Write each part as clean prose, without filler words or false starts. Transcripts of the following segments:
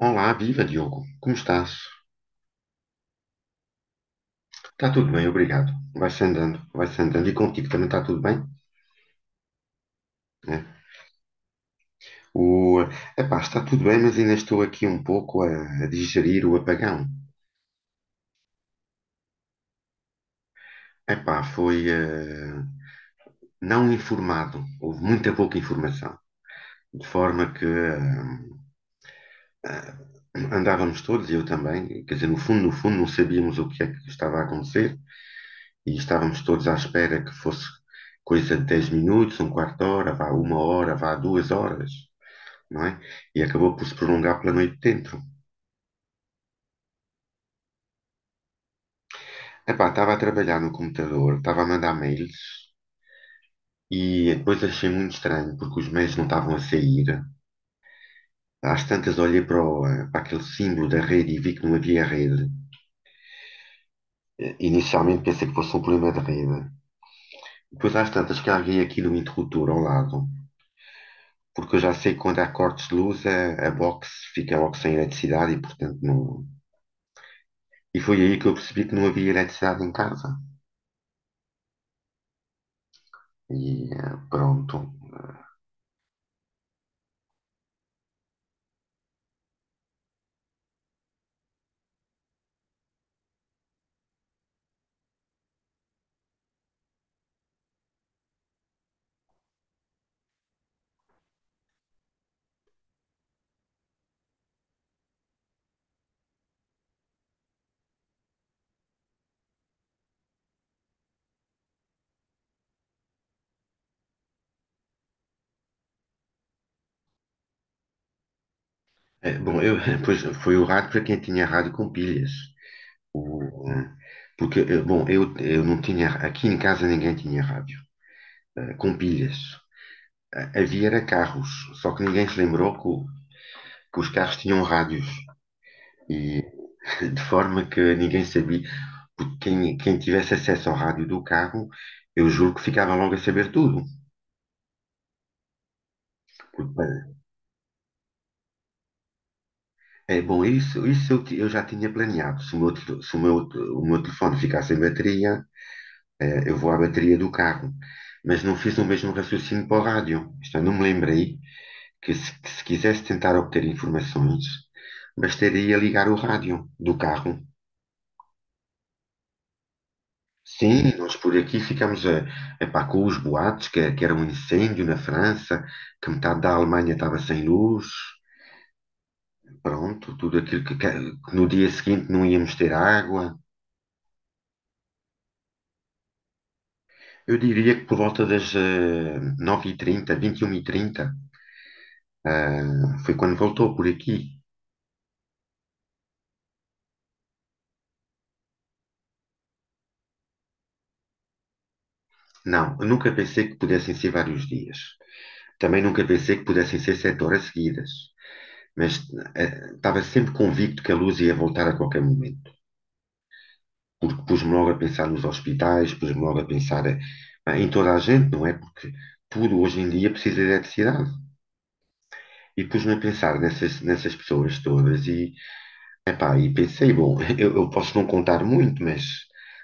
Olá, viva Diogo, como estás? Está tudo bem, obrigado. Vai-se andando, vai-se andando. E contigo também está tudo bem? É. O, epá, está tudo bem, mas ainda estou aqui um pouco a digerir o apagão. Epá, foi não informado, houve muita pouca informação, de forma que eh, andávamos todos, e eu também, quer dizer, no fundo, no fundo, não sabíamos o que é que estava a acontecer e estávamos todos à espera que fosse coisa de 10 minutos, um quarto de hora, vá uma hora, vá duas horas, não é? E acabou por se prolongar pela noite dentro. Epá, estava a trabalhar no computador, estava a mandar mails. E depois achei muito estranho, porque os meios não estavam a sair. Às tantas olhei para aquele símbolo da rede e vi que não havia rede. Inicialmente pensei que fosse um problema de rede. Depois às tantas carreguei aqui no interruptor ao lado, porque eu já sei que quando há cortes de luz a box fica logo sem eletricidade e portanto não... E foi aí que eu percebi que não havia eletricidade em casa. E pronto. Bom, pois, foi o rádio para quem tinha rádio com pilhas. O, eh, Porque, bom, eu não tinha, aqui em casa ninguém tinha rádio, com pilhas. Ah, havia era carros, só que ninguém se lembrou que os carros tinham rádios. E de forma que ninguém sabia, porque quem tivesse acesso ao rádio do carro, eu juro que ficava logo a saber tudo. Porque, é bom, isso eu já tinha planeado. Se o meu, tel- se o meu, te- o meu telefone ficar sem bateria, eu vou à bateria do carro. Mas não fiz o mesmo raciocínio para o rádio. Isto eu não me lembrei que se quisesse tentar obter informações, bastaria ligar o rádio do carro. Sim, nós por aqui ficamos epá, com os boatos, que era um incêndio na França, que metade da Alemanha estava sem luz, pronto, tudo aquilo que no dia seguinte não íamos ter água. Eu diria que por volta das 9h30, 21h30, ah, foi quando voltou por aqui. Não, eu nunca pensei que pudessem ser vários dias. Também nunca pensei que pudessem ser sete horas seguidas. Mas estava sempre convicto que a luz ia voltar a qualquer momento. Porque pus-me logo a pensar nos hospitais, pus-me logo a pensar em toda a gente, não é? Porque tudo hoje em dia precisa de eletricidade. E pus-me a pensar nessas pessoas todas e, epá, e pensei, bom, eu posso não contar muito, mas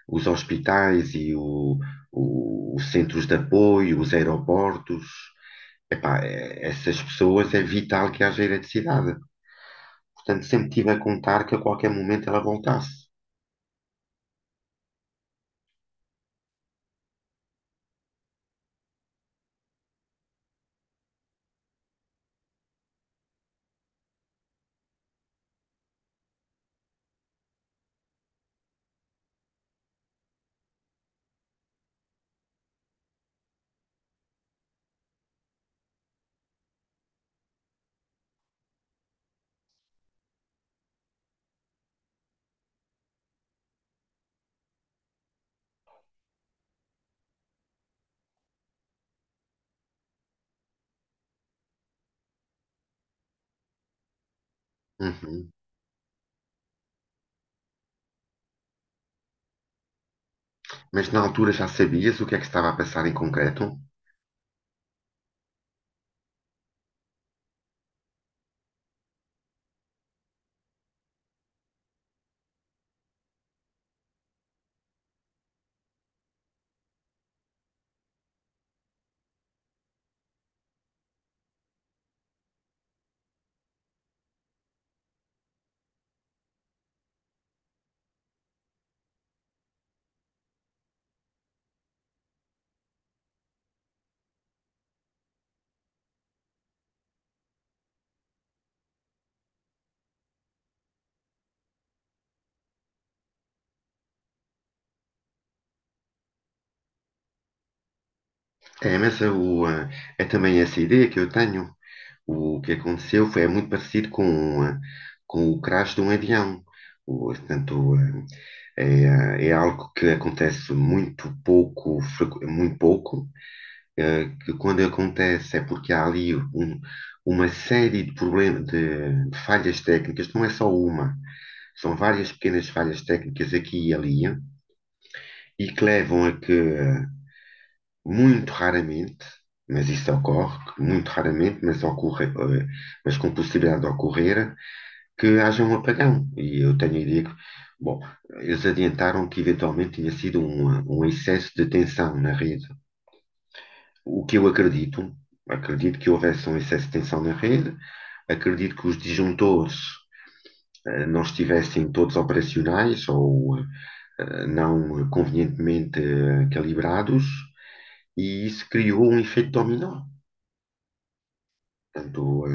os hospitais e os centros de apoio, os aeroportos, epá, essas pessoas é vital que haja eletricidade. Portanto, sempre tive a contar que a qualquer momento ela voltasse. Uhum. Mas na altura já sabias o que é que estava a passar em concreto? É, eh, é também essa ideia que eu tenho. O que aconteceu foi é muito parecido com, com o crash de um avião. Portanto, eh, é, é algo que acontece muito pouco, muito pouco, que quando acontece é porque há ali uma série de problemas, de falhas técnicas, não é só uma. São várias pequenas falhas técnicas aqui e ali e que levam a que muito raramente, mas isso ocorre, muito raramente, mas, ocorre, mas com possibilidade de ocorrer, que haja um apagão. E eu tenho a ideia que, bom, eles adiantaram que eventualmente tinha sido um excesso de tensão na rede. O que eu acredito, acredito que houvesse um excesso de tensão na rede, acredito que os disjuntores não estivessem todos operacionais ou não convenientemente calibrados e isso criou um efeito dominó. Portanto,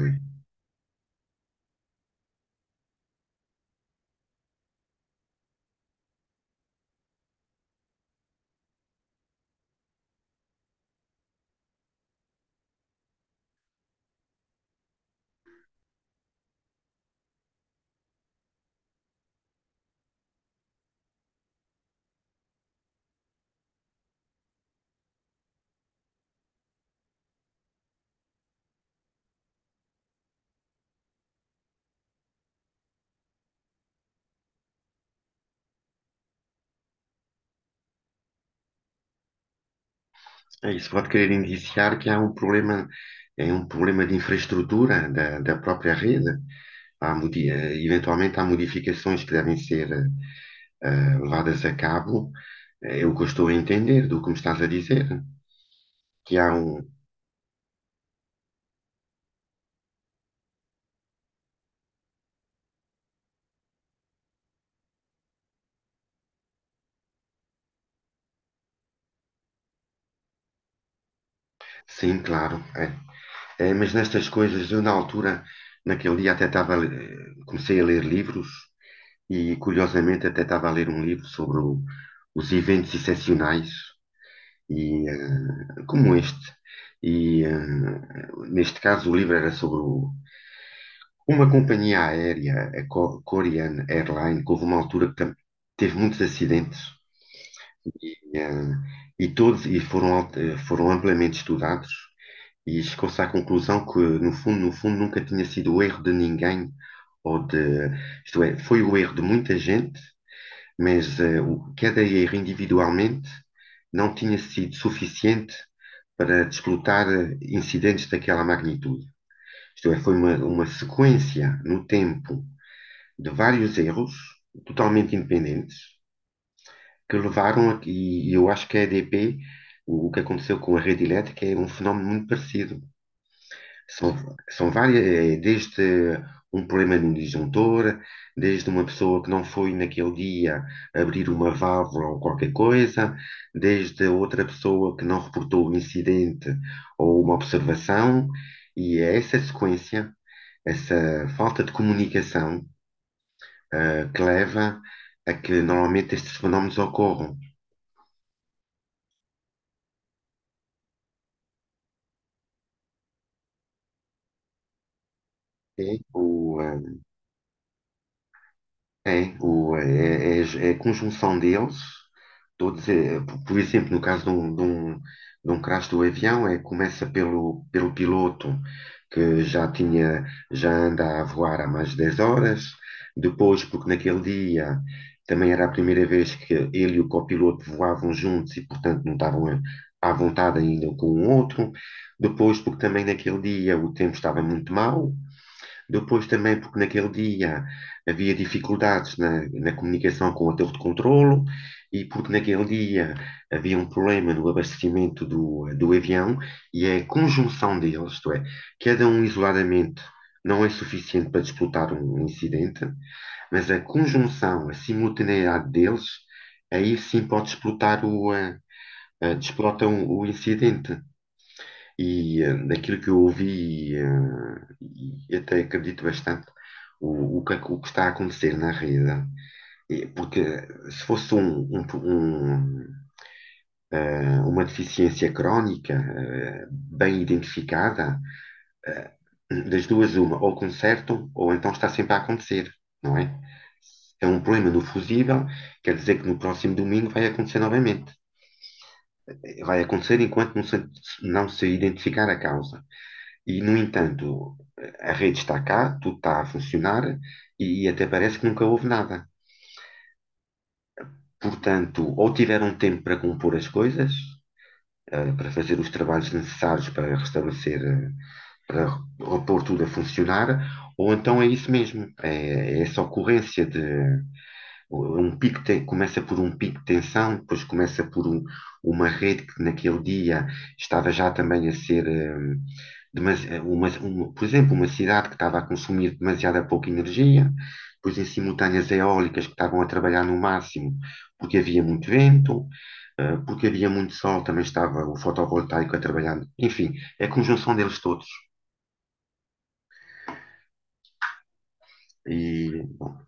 isso pode querer indiciar que há um problema, é um problema de infraestrutura da própria rede. Há, eventualmente há modificações que devem ser levadas a cabo. É o que eu estou a entender do que me estás a dizer. Que há um. Sim, claro. É. É, mas nestas coisas, eu na altura, naquele dia até estava, comecei a ler livros. E curiosamente até estava a ler um livro sobre os eventos excepcionais e como este. E neste caso o livro era sobre uma companhia aérea, a Korean Airline, que houve uma altura que teve muitos acidentes e, eh, e todos foram, foram amplamente estudados e chegou-se à conclusão que no fundo, no fundo, nunca tinha sido o erro de ninguém ou de, isto é, foi o erro de muita gente, mas cada erro individualmente não tinha sido suficiente para desplotar incidentes daquela magnitude. Isto é, foi uma sequência no tempo de vários erros totalmente independentes que levaram a, e eu acho que a EDP, o que aconteceu com a rede elétrica, é um fenómeno muito parecido. São, São várias, é, desde um problema no disjuntor, desde uma pessoa que não foi naquele dia abrir uma válvula ou qualquer coisa, desde outra pessoa que não reportou um incidente ou uma observação, e é essa sequência, essa falta de comunicação, ah, que leva a que normalmente estes fenómenos ocorram. É o, ah, É, o, é, é- É a conjunção deles, todos, é, por exemplo, no caso de um crash do avião, é, começa pelo piloto, que já tinha, já anda a voar há mais de 10 horas, depois, porque naquele dia também era a primeira vez que ele e o copiloto voavam juntos e, portanto, não estavam a- à vontade ainda um com o outro, depois, porque também naquele dia o tempo estava muito mau, depois também, porque naquele dia havia dificuldades na comunicação com a torre de controlo e porque naquele dia havia um problema no abastecimento do avião e é a conjunção deles, isto é, cada um isoladamente não é suficiente para disputar um incidente, mas a conjunção, a simultaneidade deles, aí sim pode explotar desplota o incidente. E daquilo que eu ouvi, e até acredito bastante, o que está a acontecer na rede. Porque se fosse uma deficiência crónica, bem identificada, eh, das duas uma, ou consertam, ou então está sempre a acontecer, não é? Se é um problema no fusível, quer dizer que no próximo domingo vai acontecer novamente. Vai acontecer enquanto não se identificar a causa. E, no entanto, a rede está cá, tudo está a funcionar e até parece que nunca houve nada. Portanto, ou tiveram tempo para compor as coisas, para fazer os trabalhos necessários para restabelecer, eh, para repor tudo a funcionar, ou então é isso mesmo, é essa ocorrência de um começa por um pico de tensão, depois começa por uma rede que naquele dia estava já também a ser, por exemplo, uma cidade que estava a consumir demasiada pouca energia, depois em simultâneo as eólicas que estavam a trabalhar no máximo porque havia muito vento, porque havia muito sol, também estava o fotovoltaico a trabalhar. Enfim, é a conjunção deles todos. E, bom,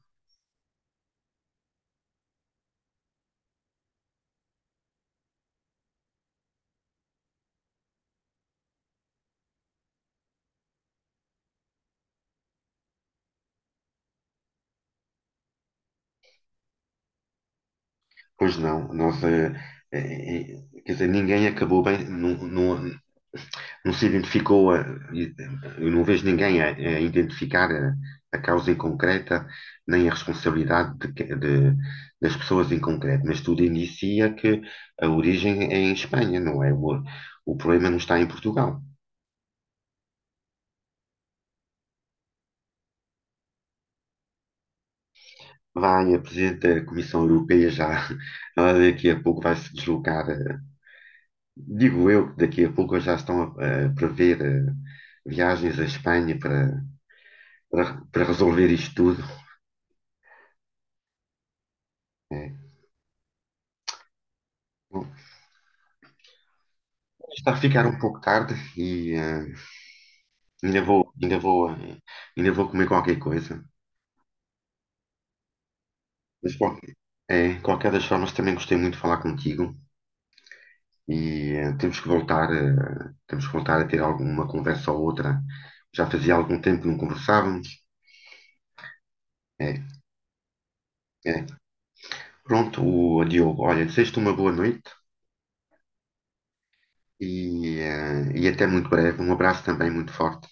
pois não, nós, eh, eh, eh, quer dizer, ninguém acabou bem, não, não se identificou, e- eu não vejo ninguém a identificar a causa em concreta, nem a responsabilidade das pessoas em concreto, mas tudo inicia que a origem é em Espanha, não é? O problema não está em Portugal. Vai, a Presidente da Comissão Europeia já, ela daqui a pouco vai se deslocar. Digo eu que daqui a pouco já estão a prever viagens à Espanha para, para, para resolver isto tudo. É. Bom, está a ficar um pouco tarde e ainda vou, ainda vou, eh, ainda vou comer qualquer coisa. Mas qualquer, é, qualquer das formas também gostei muito de falar contigo e temos que voltar a ter alguma conversa ou outra. Já fazia algum tempo que não conversávamos. É, é. Pronto, o Diogo, olha, desejo-te uma boa noite. E até muito breve. Um abraço também muito forte.